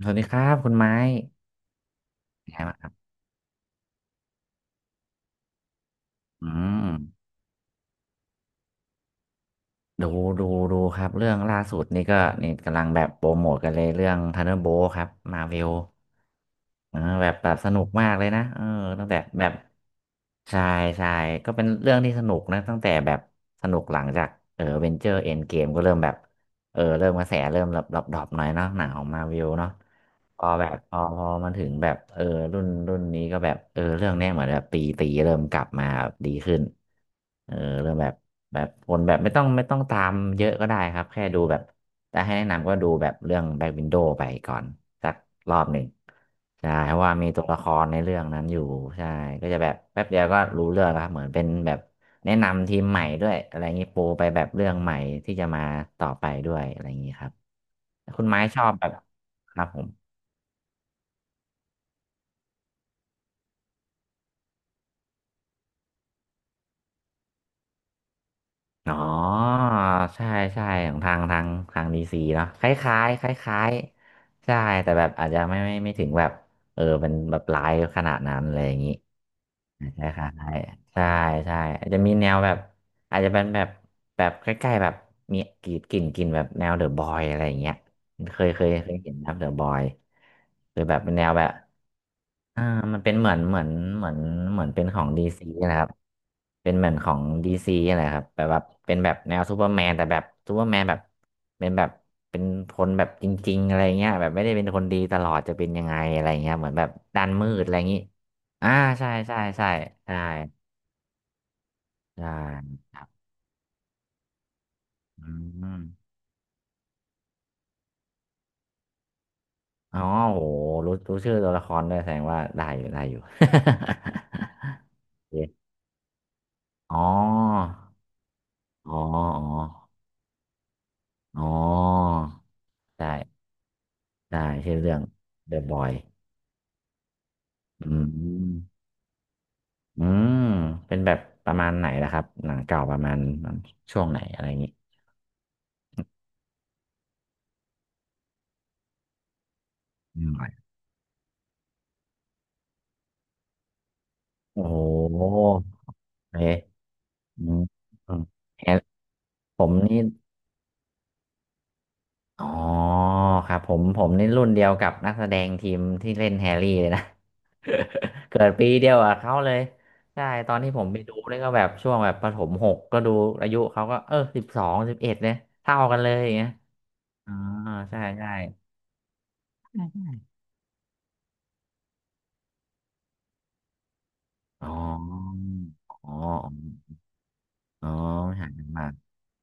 สวัสดีครับคุณไม้เป็นไงบ้างครับอืมดูดูดูครับเรื่องล่าสุดนี่ก็นี่กำลังแบบโปรโมทกันเลยเรื่องทันเดอร์โบครับมาเวลแบบสนุกมากเลยนะเออตั้งแต่แบบใช่ใช่ก็เป็นเรื่องที่สนุกนะตั้งแต่แบบสนุกหลังจากเออเวนเจอร์เอ็นเกมก็เริ่มแบบเริ่มกระแสเริ่มดรอปดรอปหน่อยเนาะหนังของมาเวลเนาะ พอแบบพอมันถึงแบบรุ่นรุ่นนี้ก็แบบเรื่องเนี้ยเหมือนแบบตีตีเริ่มกลับมาแบบดีขึ้นเออเริ่มแบบแบบคนแบบไม่ต้องตามเยอะก็ได้ครับแค่ดูแบบแต่ให้แนะนำก็ดูแบบเรื่องแบ็ k วินโด w ไปก่อนสักรอบหนึ่งใช่เพราะว่ามีตัวละครในเรื่องนั้นอยู่ใช่ก็จะแบบแป๊บเดียวก็รู้เรื่องแล้วครับเหมือนเป็นแบบแนะนำทีมใหม่ด้วยอะไรอย่างนี้ปูไปแบบเรื่องใหม่ที่จะมาต่อไปด้วยอะไรอย่างนี้ครับคุณไม้ชอบแบบครับผม อ๋อใช่ใช่ของทางดีซีเนาะคล้ายๆคล้ายๆใช่แต่แบบอาจจะไม่ถึงแบบเป็นแบบไลฟ์ขนาดนั้นอะไรอย่างนี้ใช่คล้าใช่ใช่อาจจะมีแนวแบบอาจจะเป็นแบบแบบใกล้ๆแบบมีกรีดกลิ่นกลิ่นแบบแนวเดอะบอยอะไรอย่างเงี้ยเคยเห็นครับเดอะบอยหรือแบบเป็นแนวแบบ อ่ามันเป็นเหมือนเหมือนเป็นของดีซีนะครับเป็นเหมือนของดีซีอะไรครับแบบแบบเป็นแบบแนวซูเปอร์แมนแต่แบบซูเปอร์แมนแบบเป็นแบบเป็นคนแบบจริงๆอะไรเงี้ยแบบไม่ได้เป็นคนดีตลอดจะเป็นยังไงอะไรเงี้ยเหมือนแบบด้านมืดอะไรอย่างงี้อ่าใช่ใช่ใช่ใช่ใช่ครับอืมอ๋อโหรู้ชื่อตัวละครด้วยแสดงว่าได้อยู่ได้อยู่ โอเคอ๋ออ๋ออ๋ออ๋อ ได้ได้ชื่อเรื่อง The Boy อืมอืมเป็นแบบประมาณไหนล่ะครับหนังเก่าประมาณช่วงไหนอะไรอย่างงี้อืมโอ้โหเอ๊ะอืมอืมแอนผมนี่อ๋อครับผมนี่รุ่นเดียวกับนักแสดงทีมที่เล่นแฮร์รี่เลยนะ เกิดปีเดียวกับเขาเลยใช่ตอนที่ผมไปดูนี่ก็แบบช่วงแบบประถมหกก็ดูอายุเขาก็1211เนี่ยเท่ากันเลยอย่างเงี้ยอ๋อใช่ใช่ อ๋ออ๋ออ๋อหางมันหมาก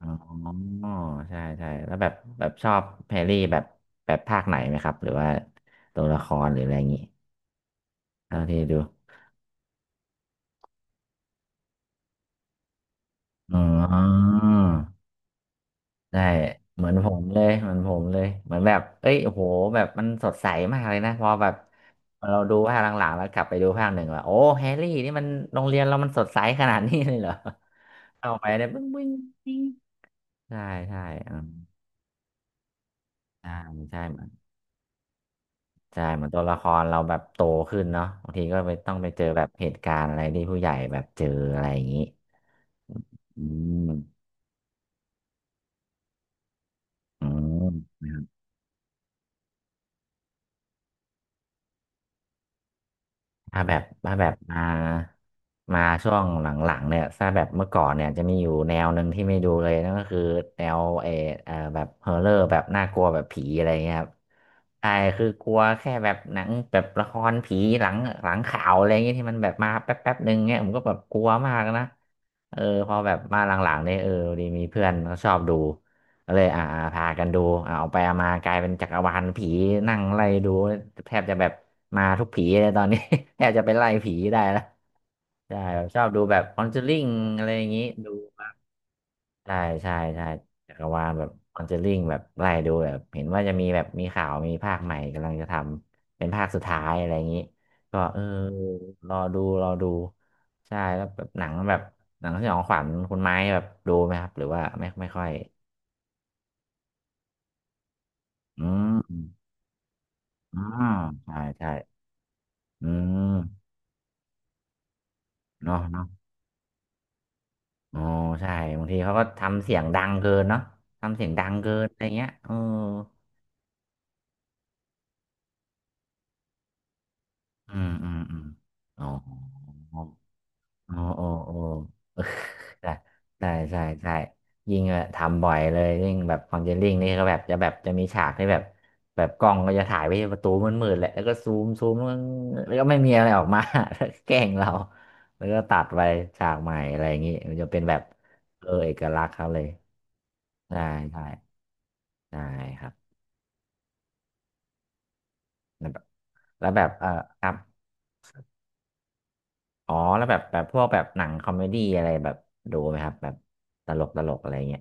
อ๋อใช่ใช่แล้วแบบแบบชอบแฮร์รี่แบบแบบภาคไหนไหมครับหรือว่าตัวละครหรืออะไรอย่างงี้เท่าที่ดูอ๋อได้เหมือนผมเลยเหมือนผมเลยเหมือนแบบเอ้ยโอ้โหแบบมันสดใสมากเลยนะพอแบบพอเราดูภาคหลังๆแล้วกลับไปดูภาคหนึ่งว่าโอ้แฮร์รี่นี่มันโรงเรียนเรามันสดใสขนาดนี้เลยเหรอเอาไปเนี่ยบึ้งบึ้งบิ้งใช่ใช่อ่า ใช่ใช่เหมือนใช่เหมือนตัวละครเราแบบโตขึ้นเนาะบางทีก็ไปต้องไปเจอแบบเหตุการณ์อะไรที่ผู้ใหญ่แบบเจออะไรอย่างนี้อืมอืม ถ้าแบบมาช่วงหลังๆเนี่ยถ้าแบบเมื่อก่อนเนี่ยจะมีอยู่แนวหนึ่งที่ไม่ดูเลยนั่นก็คือแนวแบบฮอร์เรอร์แบบน่ากลัวแบบผีอะไรเงี้ยครับใช่คือกลัวแค่แบบหนังแบบละครผีหลังข่าวอะไรเงี้ยที่มันแบบมาแป๊บแป๊บหนึ่งเงี้ยผมก็แบบกลัวมากนะเออพอแบบมาหลังๆเนี่ยเออพอดีมีเพื่อนเขาชอบดู ก็เลยพากันดูอ่าออกไปเอามากลายเป็นจักรวาลผีนั่งไล่ดูแทบจะแบบมาทุกผีเลยตอนนี้ แทบจะไปไล่ผีได้แล้วใช่แบบชอบดูแบบคอนเจอริงอะไรอย่างนี้ดูใช่ใช่ใช่จักรวาลแบบคอนเจอริงแบบไล่ดูแบบเห็นว่าจะมีแบบมีข่าวมีภาคใหม่กำลังจะทำเป็นภาคสุดท้ายอะไรอย่างนี้ก็เออรอดูรอดูใช่แล้วแบบหนังแบบหนังสยองขวัญคุณไม้แบบดูไหมครับหรือว่าไม่ค่อยอืม อ่าใช่ใช่อืมเนาะเนาะอ๋อใช่บางทีเขาก็ทำเสียงดังเกินเนาะทำเสียงดังเกินอะไรเงี้ยเอออืมอืมอืมอ๋อ อ๋ออ๋ออ๋อเออ ใช่ใช่ใช่ใช่ยิ่งทำบ่อยเลยยิ่งแบบคอนเจลลิ่งนี่ก็แบบจะแบบจะมีฉากที่แบบแบบกล้องก็จะถ่ายไปที่ประตูมืดๆแหละแล้วก็ซูมแล้วก็ไม่มีอะไรออกมา แล้วก็แกล้งเราแล้วก็ตัดไปฉากใหม่อะไรอย่างงี้มันจะเป็นแบบเออเอกลักษณ์เขาเลยใช่ใช่ใช่ครับแล้วแบบแล้วแบบเออครับอ๋อแล้วแบบแบบพวกแบบหนังคอมเมดี้อะไรแบบดูไหมครับแบบตลกตลกอะไรเงี้ย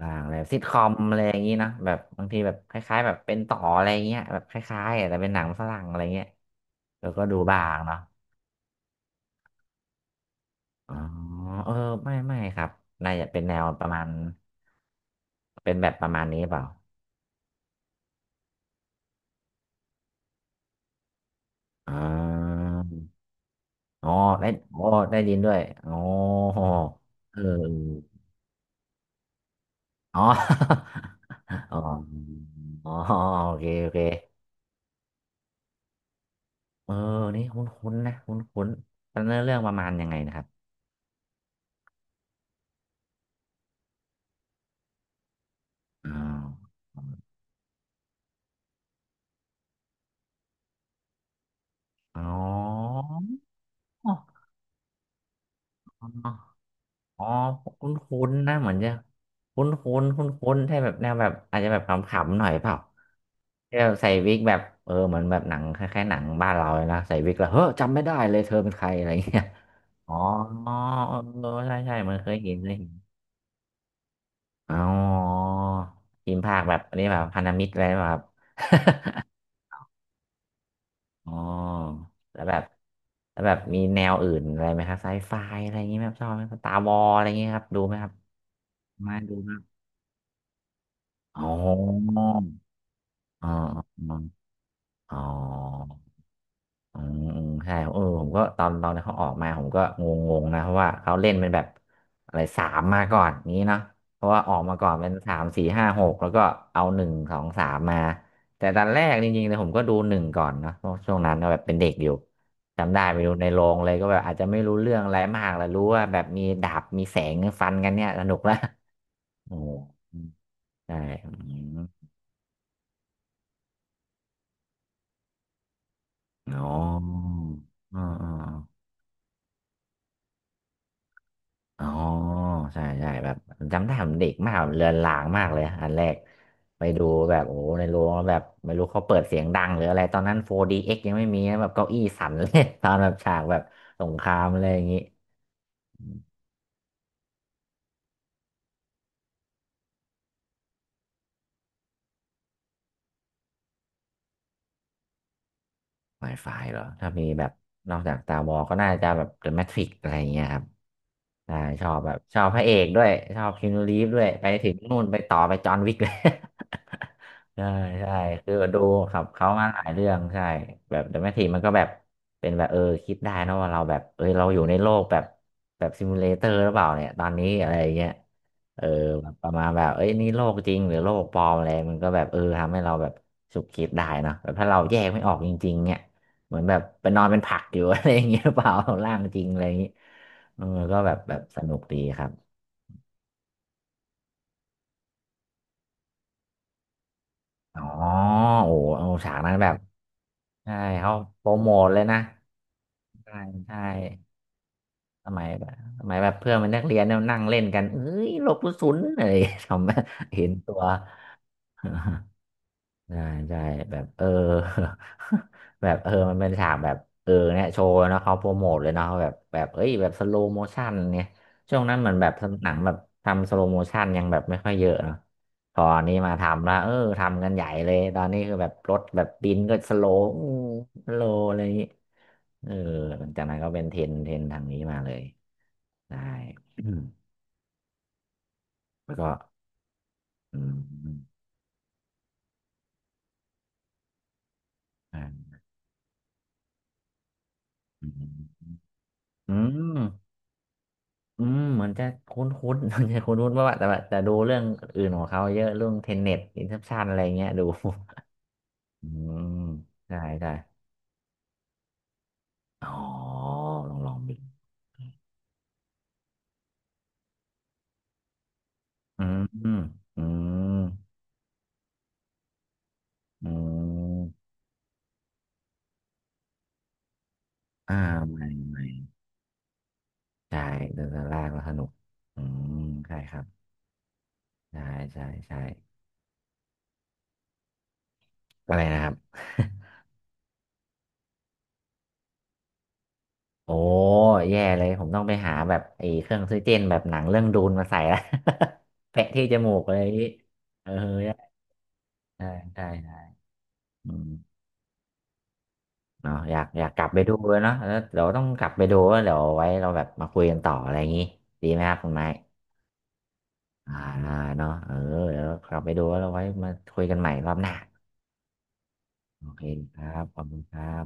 บ้างแบบซิทคอมอะไรอย่างนี้เนอะแบบบางทีแบบคล้ายๆแบบเป็นต่ออะไรเงี้ยแบบคล้ายๆอะแต่เป็นหนังฝรั่งอะไรเงี้ยเราก็ดูบ้างเนาะอ๋อเออไม่ไม่ครับน่าจะเป็นแนวประมาณเป็นแบบประมาณนี้เปล่าอ๋ออ๋อได้โอ้ได้ยินด้วยอ๋อเอออ๋อ อ๋ออ๋อโอเคโอเคเออนี่คุ้นๆนะคุ้นๆแล้วเนื้อเรื่องประมาณยังไงนะครับอ๋อ อ๋ออ๋อคุ้นคุ้นนะเหมือนจะคุ้นคุ้นคุ้นคุ้นๆใช่แบบแนวแบบอาจจะแบบขำๆหน่อยเปล่าที่แบบใส่วิกแบบเออเหมือนแบบหนังคล้ายๆหนังบ้านเราเลยนะใส่วิกแล้วเฮ้อจำไม่ได้เลยเธอเป็นใครอะไรเงี้ยอ๋อเออใช่ใช่เหมือนเคยเห็นเลยเห็นอ๋อทีมภาคแบบอันนี้แบบพันธมิตรอะไรแบบ อ๋อแล้วแบบแล้วแบบมีแนวอื่นอะไรไหมครับไซไฟอะไรอย่างงี้ไหมครับชอบไหมสตาร์วอลอะไรอย่างงี้ครับดูไหมครับไม่ดูนะอ๋ออ๋ออ๋ออ๋อ อืมอืมใช่เออผมก็ตอนเขาออกมาผมก็งงๆนะเพราะว่าเขาเล่นเป็นแบบอะไรสามมาก่อนอย่างนี้เนาะเพราะว่าออกมาก่อนเป็นสามสี่ห้าหกแล้วก็เอาหนึ่งสองสามมาแต่ตอนแรกจริงๆเลยผมก็ดูหนึ่งก่อนเนาะเพราะช่วงนั้นก็แบบเป็นเด็กอยู่จำได้ไปดูในโรงเลยก็แบบอาจจะไม่รู้เรื่องอะไรมากแล้วรู้ว่าแบบมีดาบมีแสงฟันกันเนี่ยสนุกละ โอ้ใช่อืมอ๋ออ๋อ อ๋อใช่ใช่แบบจำได้ผมเด็กมากเลือนลางมากเลยอันแรกไปดูแบบโอ้ในโรงแล้วแบบไม่รู้เขาเปิดเสียงดังหรืออะไรตอนนั้น 4DX ยังไม่มีนะแบบเก้าอี้สั่นเลย ตอนแบบฉากแบบสงครามอะไรอย่างนี้ Wi-Fi เหรอถ้ามีแบบนอกจากตาบอก็น่าจะแบบ The Matrix อะไรอย่างเงี้ยครับใช่ชอบแบบชอบพระเอกด้วยชอบคีนูรีฟด้วยไปถึงนู่นไปต่อไปจอห์นวิกเลย ใช่ใช่คือดูครับเขามาหลายเรื่องใช่แบบ The Matrix มันก็แบบเป็นแบบเออคิดได้นะว่าเราแบบเอยเราอยู่ในโลกแบบแบบซิมูเลเตอร์หรือเปล่าเนี่ยตอนนี้อะไรอย่างเงี้ยเออแบบประมาณแบบเอ้ยนี่โลกจริงหรือโลกปลอมอะไรมันก็แบบเออทำให้เราแบบฉุกคิดได้เนอะแบบถ้าเราแยกไม่ออกจริงๆเนี่ย เหมือนแบบไปนอนเป็นผักอยู่ อะไรอย่างเงี้ยหรือเปล่าร่างจริงอะไรอย่างงี้เออก็แบบแบบสนุกดีครับอ๋อโอ้โหเอาฉากนั้นแบบใช่เขาโปรโมทเลยนะใช่ใช่สมัยแบบสมัยแบบเพื่อนเป็นนักเรียนเนี่ยนั่งเล่นกันเอ้ยหลบกระสุนอะไร ทำเห็นตัว ใช่ใช่แบบเออ แบบเออมันเป็นฉากแบบเออเนี่ยโชว์เนาะเขาโปรโมทเลยเนาะแบบแบบเอ้ยแบบสโลโมชันเนี่ยช่วงนั้นเหมือนแบบหนังแบบทำสโลโมชันยังแบบไม่ค่อยเยอะเนาะพออันนี้มาทำแล้วเออทำกันใหญ่เลยตอนนี้คือแบบรถแบบบินก็สโลว์อืมสโลว์อะไรอย่างงี้เออหลังจากนั้นก็เป็นเทรนด์ทางนี้มาเลยได้ อืมก็อืมอาอืมอืม อืมเหมือนจะคุ้นๆ เหมือนจะคุ้นๆว่าแต่ดูเรื่องอื่นของเขาเยอะเรื่องเทนเน็ตอินเ p อชันอะไรเงี้ย ดูอืมใช่ใช่อ๋อลองดูอืมอืมอืมอืมอ่าไม่ไม่ใช่เดินลากแล้วสนุกอืมใช่ครับใช่ใช่ใช่อะไรนะครับ โอ้แย่เลยผมต้องไปหาแบบไอ้เครื่องออกซิเจนแบบหนังเรื่องดูนมาใส่ละ แปะที่จมูกเลยเออใช่ใช่ อืมเนาะอยากอยากกลับไปดูเลยเนาะแล้วเดี๋ยวต้องกลับไปดูแล้วเดี๋ยวไว้เราแบบมาคุยกันต่ออะไรอย่างงี้ดีไหมครับคุณไม้อ่าเนาะเออเดี๋ยวกลับไปดูแล้วเราไว้มาคุยกันใหม่รอบหน้าโอเคครับขอบคุณครับ